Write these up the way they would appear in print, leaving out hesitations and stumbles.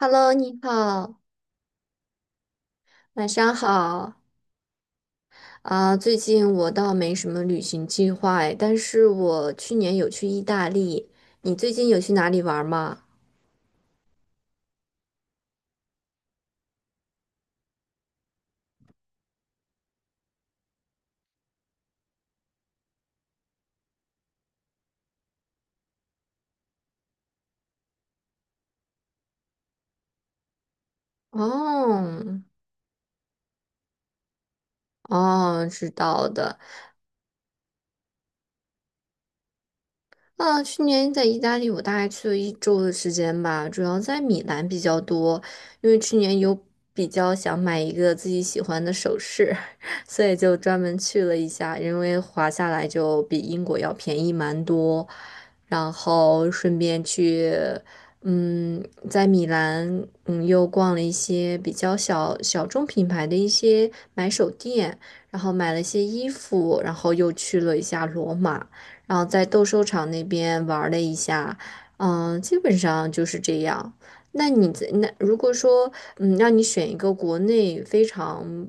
Hello，你好，晚上好。最近我倒没什么旅行计划哎，但是我去年有去意大利。你最近有去哪里玩吗？哦，哦，知道的。去年在意大利，我大概去了一周的时间吧，主要在米兰比较多，因为去年有比较想买一个自己喜欢的首饰，所以就专门去了一下，因为划下来就比英国要便宜蛮多，然后顺便去，嗯，在米兰，又逛了一些比较小众品牌的一些买手店，然后买了一些衣服，然后又去了一下罗马。然后在斗兽场那边玩了一下，嗯，基本上就是这样。那你在那如果说，嗯，让你选一个国内非常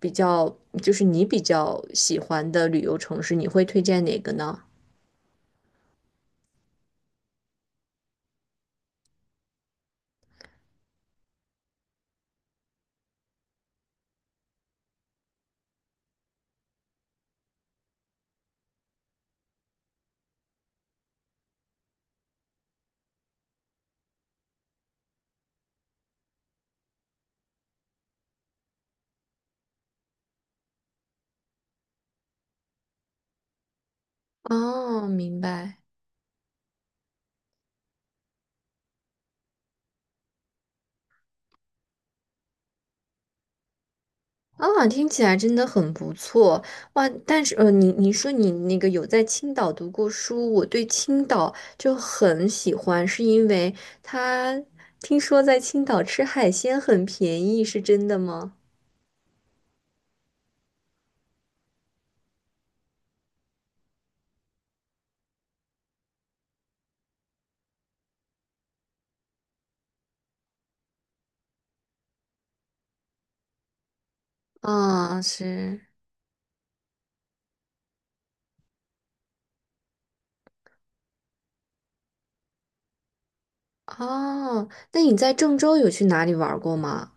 就是你比较喜欢的旅游城市，你会推荐哪个呢？哦，明白。听起来真的很不错哇！但是，你说你那个有在青岛读过书，我对青岛就很喜欢，是因为他听说在青岛吃海鲜很便宜，是真的吗？啊，是哦。那你在郑州有去哪里玩过吗？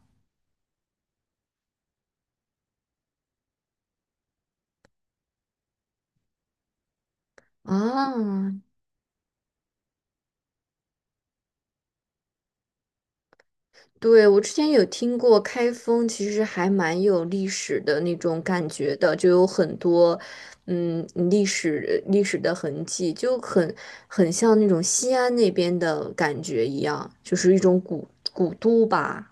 啊，对，我之前有听过开封，其实还蛮有历史的那种感觉的，就有很多，嗯，历史的痕迹，很像那种西安那边的感觉一样，就是一种古都吧。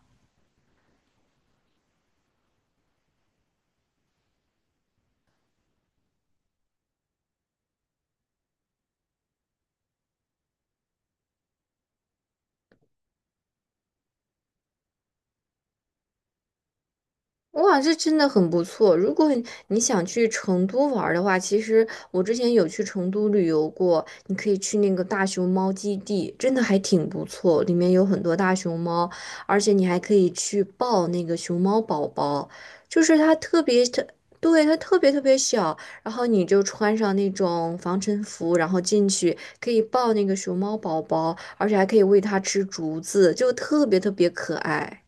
哇，这真的很不错。如果你想去成都玩儿的话，其实我之前有去成都旅游过，你可以去那个大熊猫基地，真的还挺不错，里面有很多大熊猫，而且你还可以去抱那个熊猫宝宝，就是它特别特，对，它特别特别小，然后你就穿上那种防尘服，然后进去可以抱那个熊猫宝宝，而且还可以喂它吃竹子，就特别特别可爱。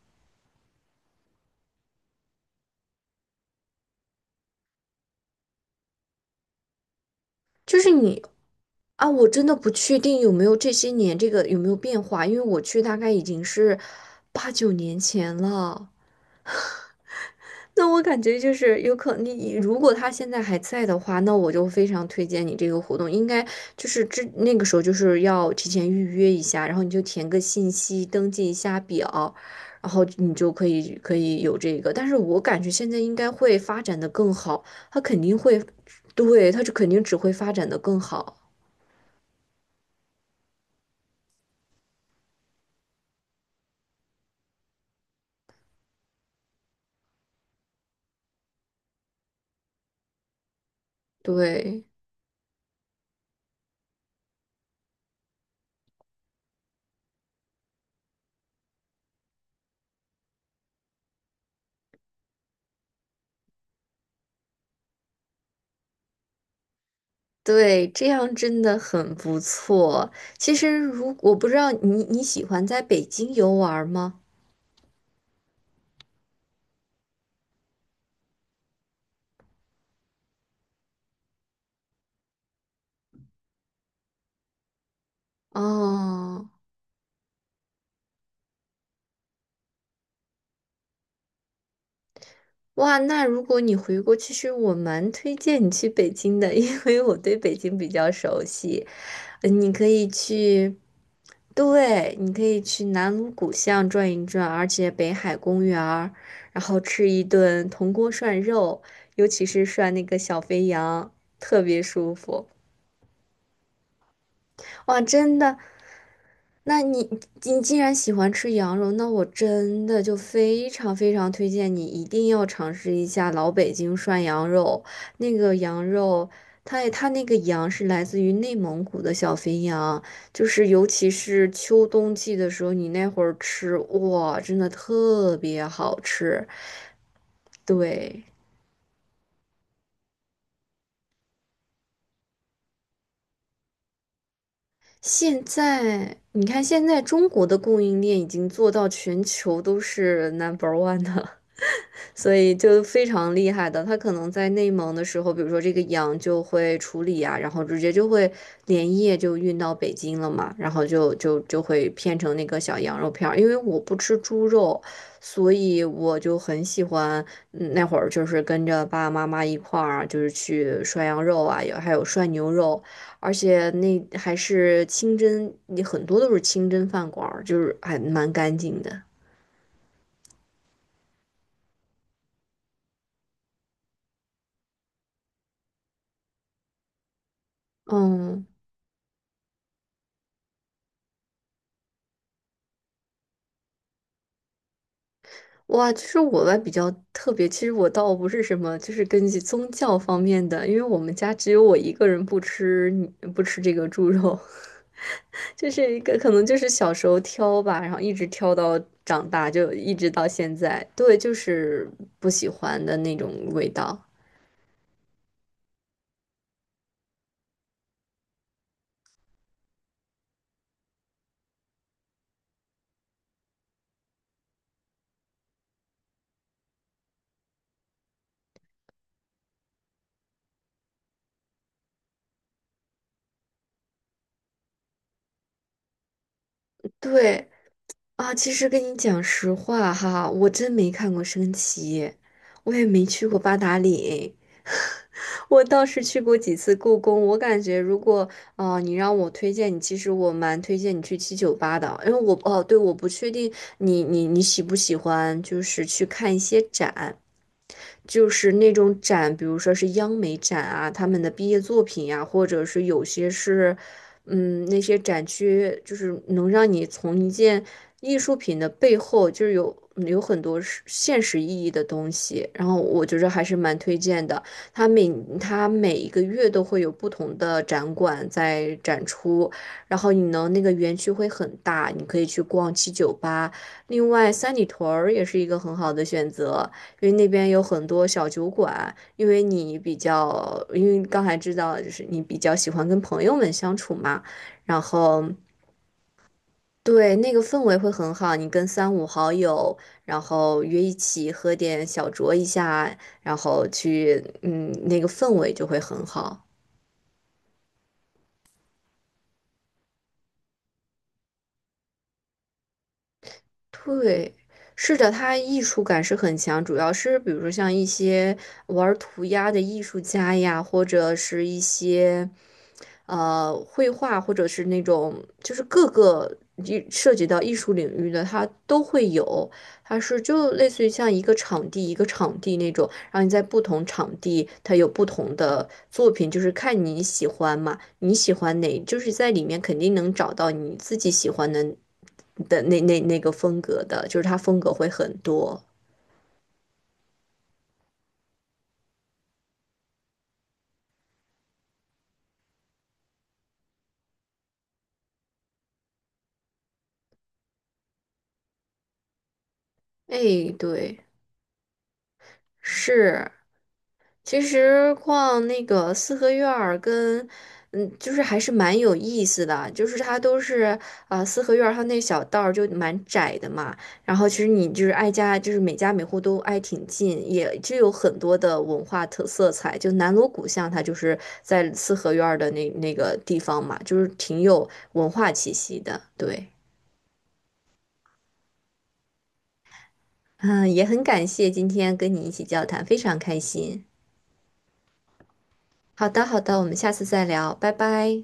就是你我真的不确定有没有这些年这个有没有变化，因为我去大概已经是八九年前了。那我感觉就是有可你如果他现在还在的话，那我就非常推荐你这个活动，应该就是那个时候就是要提前预约一下，然后你就填个信息，登记一下表，然后你就可以有这个。但是我感觉现在应该会发展的更好，他肯定会，对，他就肯定只会发展的更好。对对，这样真的很不错。其实如，我不知道你喜欢在北京游玩吗？哦，哇，那如果你回国，其实我蛮推荐你去北京的，因为我对北京比较熟悉。你可以去，对，你可以去南锣鼓巷转一转，而且北海公园儿然后吃一顿铜锅涮肉，尤其是涮那个小肥羊，特别舒服。哇，真的，那你你既然喜欢吃羊肉，那我真的就非常非常推荐你一定要尝试一下老北京涮羊肉。那个羊肉，它那个羊是来自于内蒙古的小肥羊，就是尤其是秋冬季的时候，你那会儿吃，哇，真的特别好吃。对，现在你看，现在中国的供应链已经做到全球都是 number one 的。所以就非常厉害的，他可能在内蒙的时候，比如说这个羊就会处理啊，然后直接就会连夜就运到北京了嘛，然后就会片成那个小羊肉片儿。因为我不吃猪肉，所以我就很喜欢，嗯那会儿就是跟着爸爸妈妈一块儿，就是去涮羊肉啊，有还有涮牛肉，而且那还是清真，你很多都是清真饭馆儿，就是还蛮干净的。嗯。哇，其实我吧比较特别，其实我倒不是什么，就是根据宗教方面的，因为我们家只有我一个人不吃这个猪肉，就是一个可能就是小时候挑吧，然后一直挑到长大，就一直到现在，对，就是不喜欢的那种味道。对，其实跟你讲实话哈，我真没看过升旗，我也没去过八达岭，我倒是去过几次故宫。我感觉如果你让我推荐你，其实我蛮推荐你去七九八的，因为我哦，对，我不确定你喜不喜欢，就是去看一些展。就是那种展，比如说是央美展啊，他们的毕业作品呀、或者是有些是，嗯，那些展区，就是能让你从一件艺术品的背后就是有有很多是现实意义的东西，然后我觉着还是蛮推荐的。它每它每一个月都会有不同的展馆在展出，然后你能那个园区会很大，你可以去逛七九八。另外，三里屯儿也是一个很好的选择，因为那边有很多小酒馆。因为你比较，因为刚才知道就是你比较喜欢跟朋友们相处嘛，然后。对，那个氛围会很好，你跟三五好友，然后约一起喝点小酌一下，然后去，嗯，那个氛围就会很好。对，是的，它艺术感是很强，主要是比如说像一些玩儿涂鸦的艺术家呀，或者是一些。绘画或者是那种就是各个涉及到艺术领域的，它都会有。它是就类似于像一个场地一个场地那种，然后你在不同场地它有不同的作品，就是看你喜欢嘛，你喜欢哪，就是在里面肯定能找到你自己喜欢的那个风格的，就是它风格会很多。哎，对，是。其实逛那个四合院儿跟，嗯，就是还是蛮有意思的，就是它都是四合院儿它那小道儿就蛮窄的嘛，然后其实你就是挨家，就是每家每户都挨挺近，也就有很多的文化特色彩。就南锣鼓巷它就是在四合院儿的那个地方嘛，就是挺有文化气息的。对，嗯，也很感谢今天跟你一起交谈，非常开心。好的，好的，我们下次再聊，拜拜。